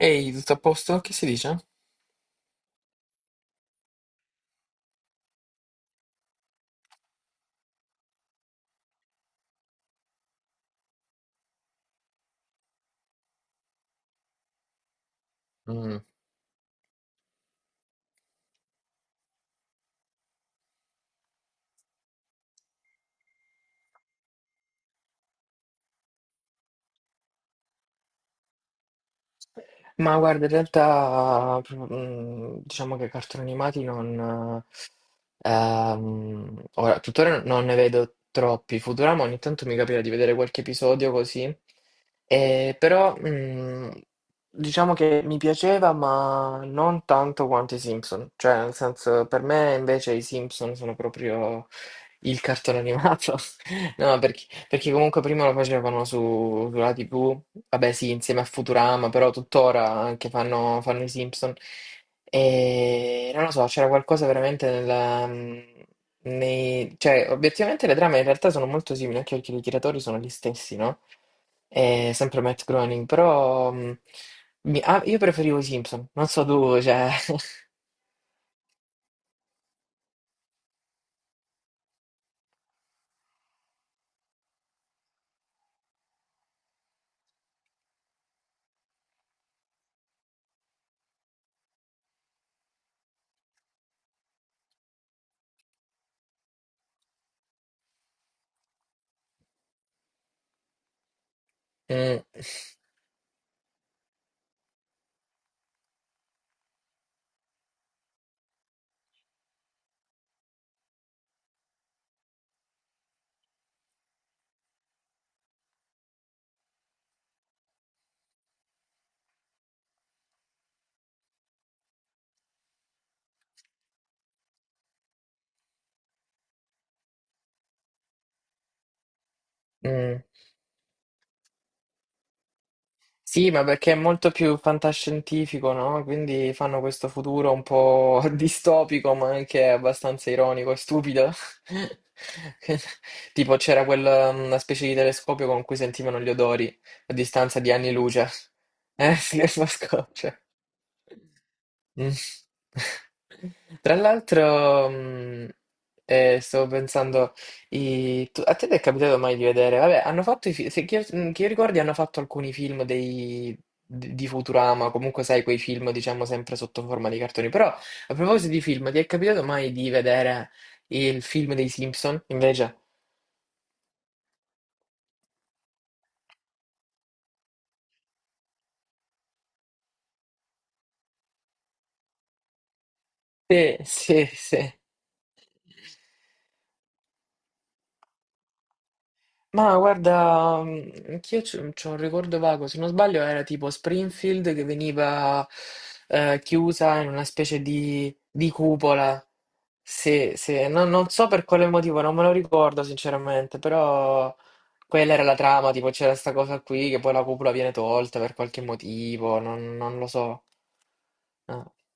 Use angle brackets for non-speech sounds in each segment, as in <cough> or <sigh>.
Ehi, tutto a posto? Che si dice? Mm. Ma guarda, in realtà diciamo che cartoni animati non... ora, tuttora non ne vedo troppi. Futurama ogni tanto mi capita di vedere qualche episodio così. Però diciamo che mi piaceva, ma non tanto quanto i Simpson. Cioè, nel senso, per me invece i Simpson sono proprio il cartone animato. <laughs> No, perché, perché comunque prima lo facevano su, sulla TV, vabbè sì, insieme a Futurama, però tuttora anche fanno i Simpson. E non lo so, c'era qualcosa veramente nella... Nei, cioè, obiettivamente le trame in realtà sono molto simili, anche perché i tiratori sono gli stessi, no? È sempre Matt Groening, però io preferivo i Simpson, non so tu, cioè... <laughs> mm, mm. Sì, ma perché è molto più fantascientifico, no? Quindi fanno questo futuro un po' <laughs> distopico, ma anche abbastanza ironico e stupido. <laughs> Tipo c'era quella una specie di telescopio con cui sentivano gli odori a distanza di anni luce. Sì, <laughs> lo scopo, cioè. Mm. <laughs> Tra l'altro, stavo pensando, a te ti è capitato mai di vedere? Vabbè, hanno fatto i fi- se, che io ricordi, hanno fatto alcuni film di Futurama, comunque sai, quei film, diciamo, sempre sotto forma di cartoni. Però, a proposito di film, ti è capitato mai di vedere il film dei Simpson, invece? Sì, sì, sì. Ma guarda, anch'io c'ho un ricordo vago, se non sbaglio era tipo Springfield che veniva chiusa in una specie di cupola. Sì, sì, non, non so per quale motivo, non me lo ricordo sinceramente, però quella era la trama, tipo c'era sta cosa qui che poi la cupola viene tolta per qualche motivo, non, non lo so. Eh.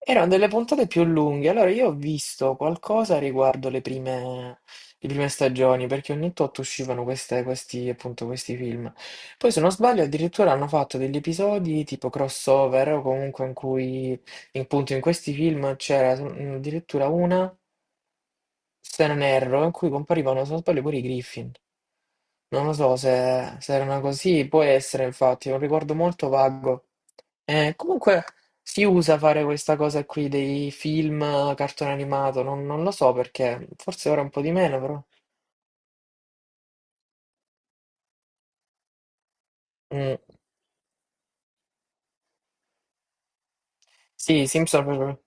Erano delle puntate più lunghe, allora io ho visto qualcosa riguardo le prime stagioni, perché ogni tot uscivano questi, appunto, questi film. Poi, se non sbaglio, addirittura hanno fatto degli episodi tipo crossover, o comunque in cui, appunto, in questi film c'era addirittura una, se non erro, in cui comparivano, se non sbaglio, pure i Griffin. Non lo so se, se erano così, può essere infatti, è un ricordo molto vago. Comunque si usa fare questa cosa qui dei film, cartone animato, non, non lo so perché, forse ora un po' di meno però. Mm. Sì, i Simpson proprio.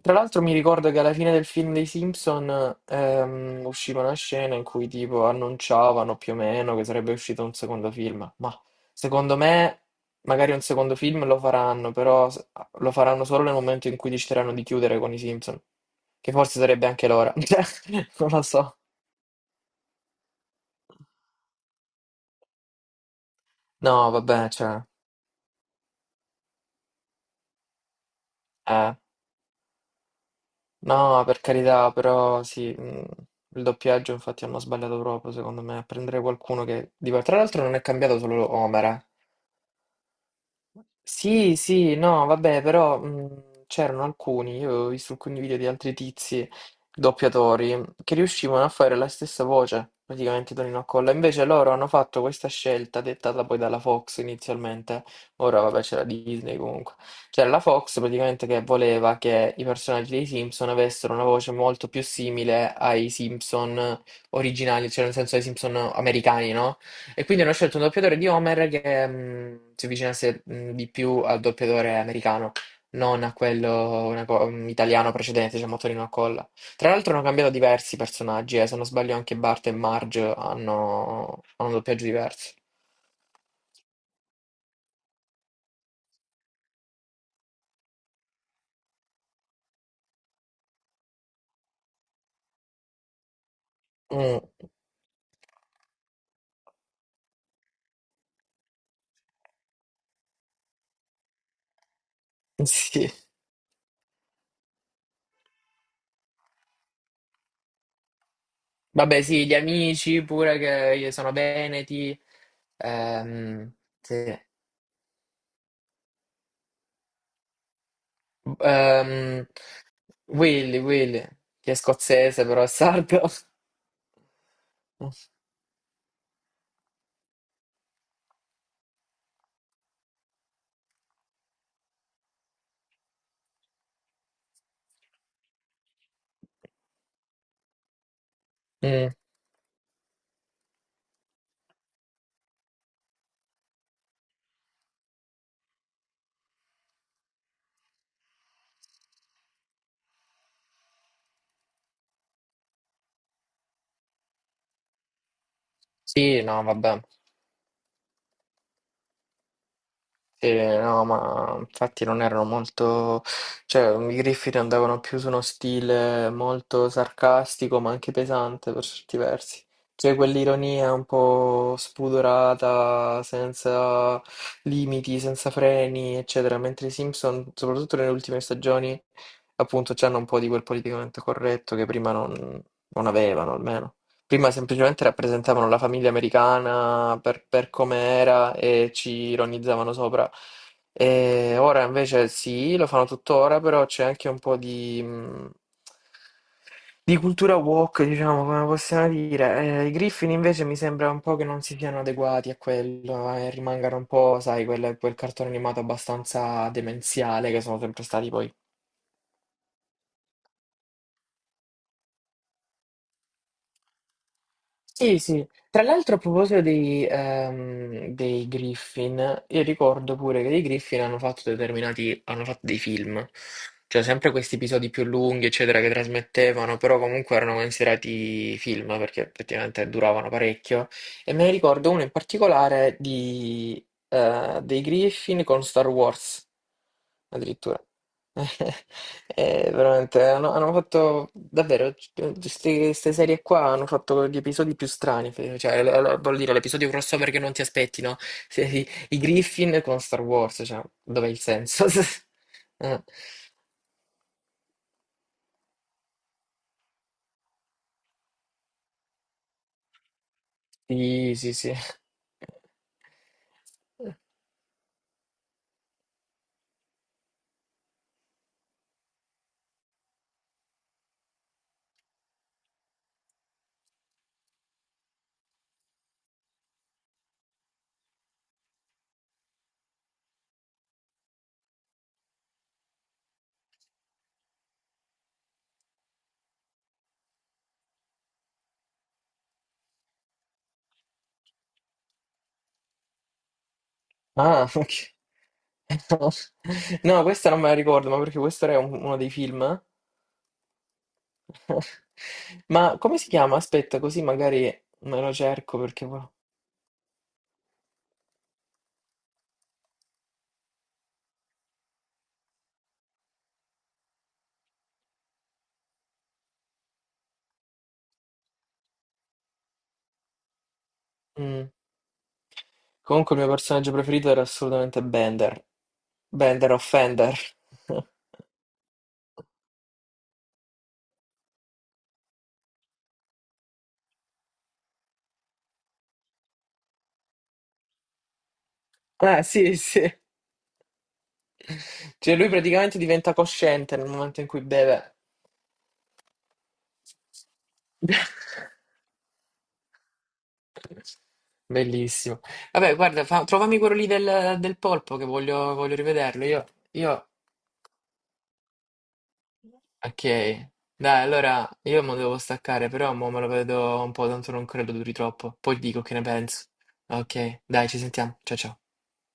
Tra l'altro mi ricordo che alla fine del film dei Simpson usciva una scena in cui tipo annunciavano più o meno che sarebbe uscito un secondo film, ma secondo me magari un secondo film lo faranno, però lo faranno solo nel momento in cui decideranno di chiudere con i Simpson, che forse sarebbe anche l'ora, <laughs> cioè, non lo so. No, vabbè, cioè, eh, no, per carità, però sì, il doppiaggio infatti hanno sbagliato proprio, secondo me, a prendere qualcuno che... Tra l'altro non è cambiato solo Homer, eh. Sì, sì, no, vabbè, però c'erano alcuni, io ho visto alcuni video di altri tizi doppiatori che riuscivano a fare la stessa voce, praticamente Tonino Accolla. Invece loro hanno fatto questa scelta dettata poi dalla Fox inizialmente. Ora vabbè c'era Disney comunque. C'era la Fox praticamente che voleva che i personaggi dei Simpson avessero una voce molto più simile ai Simpson originali, cioè nel senso ai Simpson americani, no? E quindi hanno scelto un doppiatore di Homer che si avvicinasse di più al doppiatore americano, non a quello una italiano precedente, diciamo Tonino Accolla. Tra l'altro hanno cambiato diversi personaggi, se non sbaglio anche Bart e Marge hanno doppiaggi diversi. Mm, <laughs> sì. Vabbè, sì, gli amici pure che sono veneti. Ehm, sì. Ehm, Willy, Willy, che è scozzese però è sardo. <laughs> Mm, sì, no, vabbè. Sì, no, ma infatti non erano molto, cioè i Griffith andavano più su uno stile molto sarcastico ma anche pesante per certi versi, cioè quell'ironia un po' spudorata, senza limiti, senza freni, eccetera, mentre i Simpson, soprattutto nelle ultime stagioni, appunto, c'hanno un po' di quel politicamente corretto che prima non avevano almeno. Prima semplicemente rappresentavano la famiglia americana per come era e ci ironizzavano sopra. E ora invece sì, lo fanno tuttora, però c'è anche un po' di cultura woke, diciamo, come possiamo dire. I Griffin invece mi sembra un po' che non si siano adeguati a quello e rimangano un po', sai, quel, quel cartone animato abbastanza demenziale che sono sempre stati poi. Sì, sì. Tra l'altro a proposito dei, dei Griffin, io ricordo pure che dei Griffin hanno fatto determinati, hanno fatto dei film, cioè sempre questi episodi più lunghi, eccetera, che trasmettevano, però comunque erano considerati film perché effettivamente duravano parecchio. E me ne ricordo uno in particolare di, dei Griffin con Star Wars, addirittura. <laughs> Veramente hanno fatto davvero queste serie qua hanno fatto gli episodi più strani voglio dire l'episodio crossover che non ti aspetti no? I Griffin con Star Wars cioè dov'è il senso? <laughs> Eh, sì sì sì, ah, ok. <laughs> No, questa non me la ricordo, ma perché questo era uno dei film. <laughs> Ma come si chiama? Aspetta, così magari me lo cerco perché mm. Comunque il mio personaggio preferito era assolutamente Bender. Bender o Fender. <laughs> Eh sì, sì. Cioè lui praticamente diventa cosciente nel momento in cui beve. <laughs> Bellissimo. Vabbè, guarda, trovami quello lì del, del polpo che voglio, voglio rivederlo. Io ok. Dai, allora io mo devo staccare, però mo me lo vedo un po', tanto non credo duri troppo. Poi dico che ne penso. Ok, dai, ci sentiamo. Ciao ciao.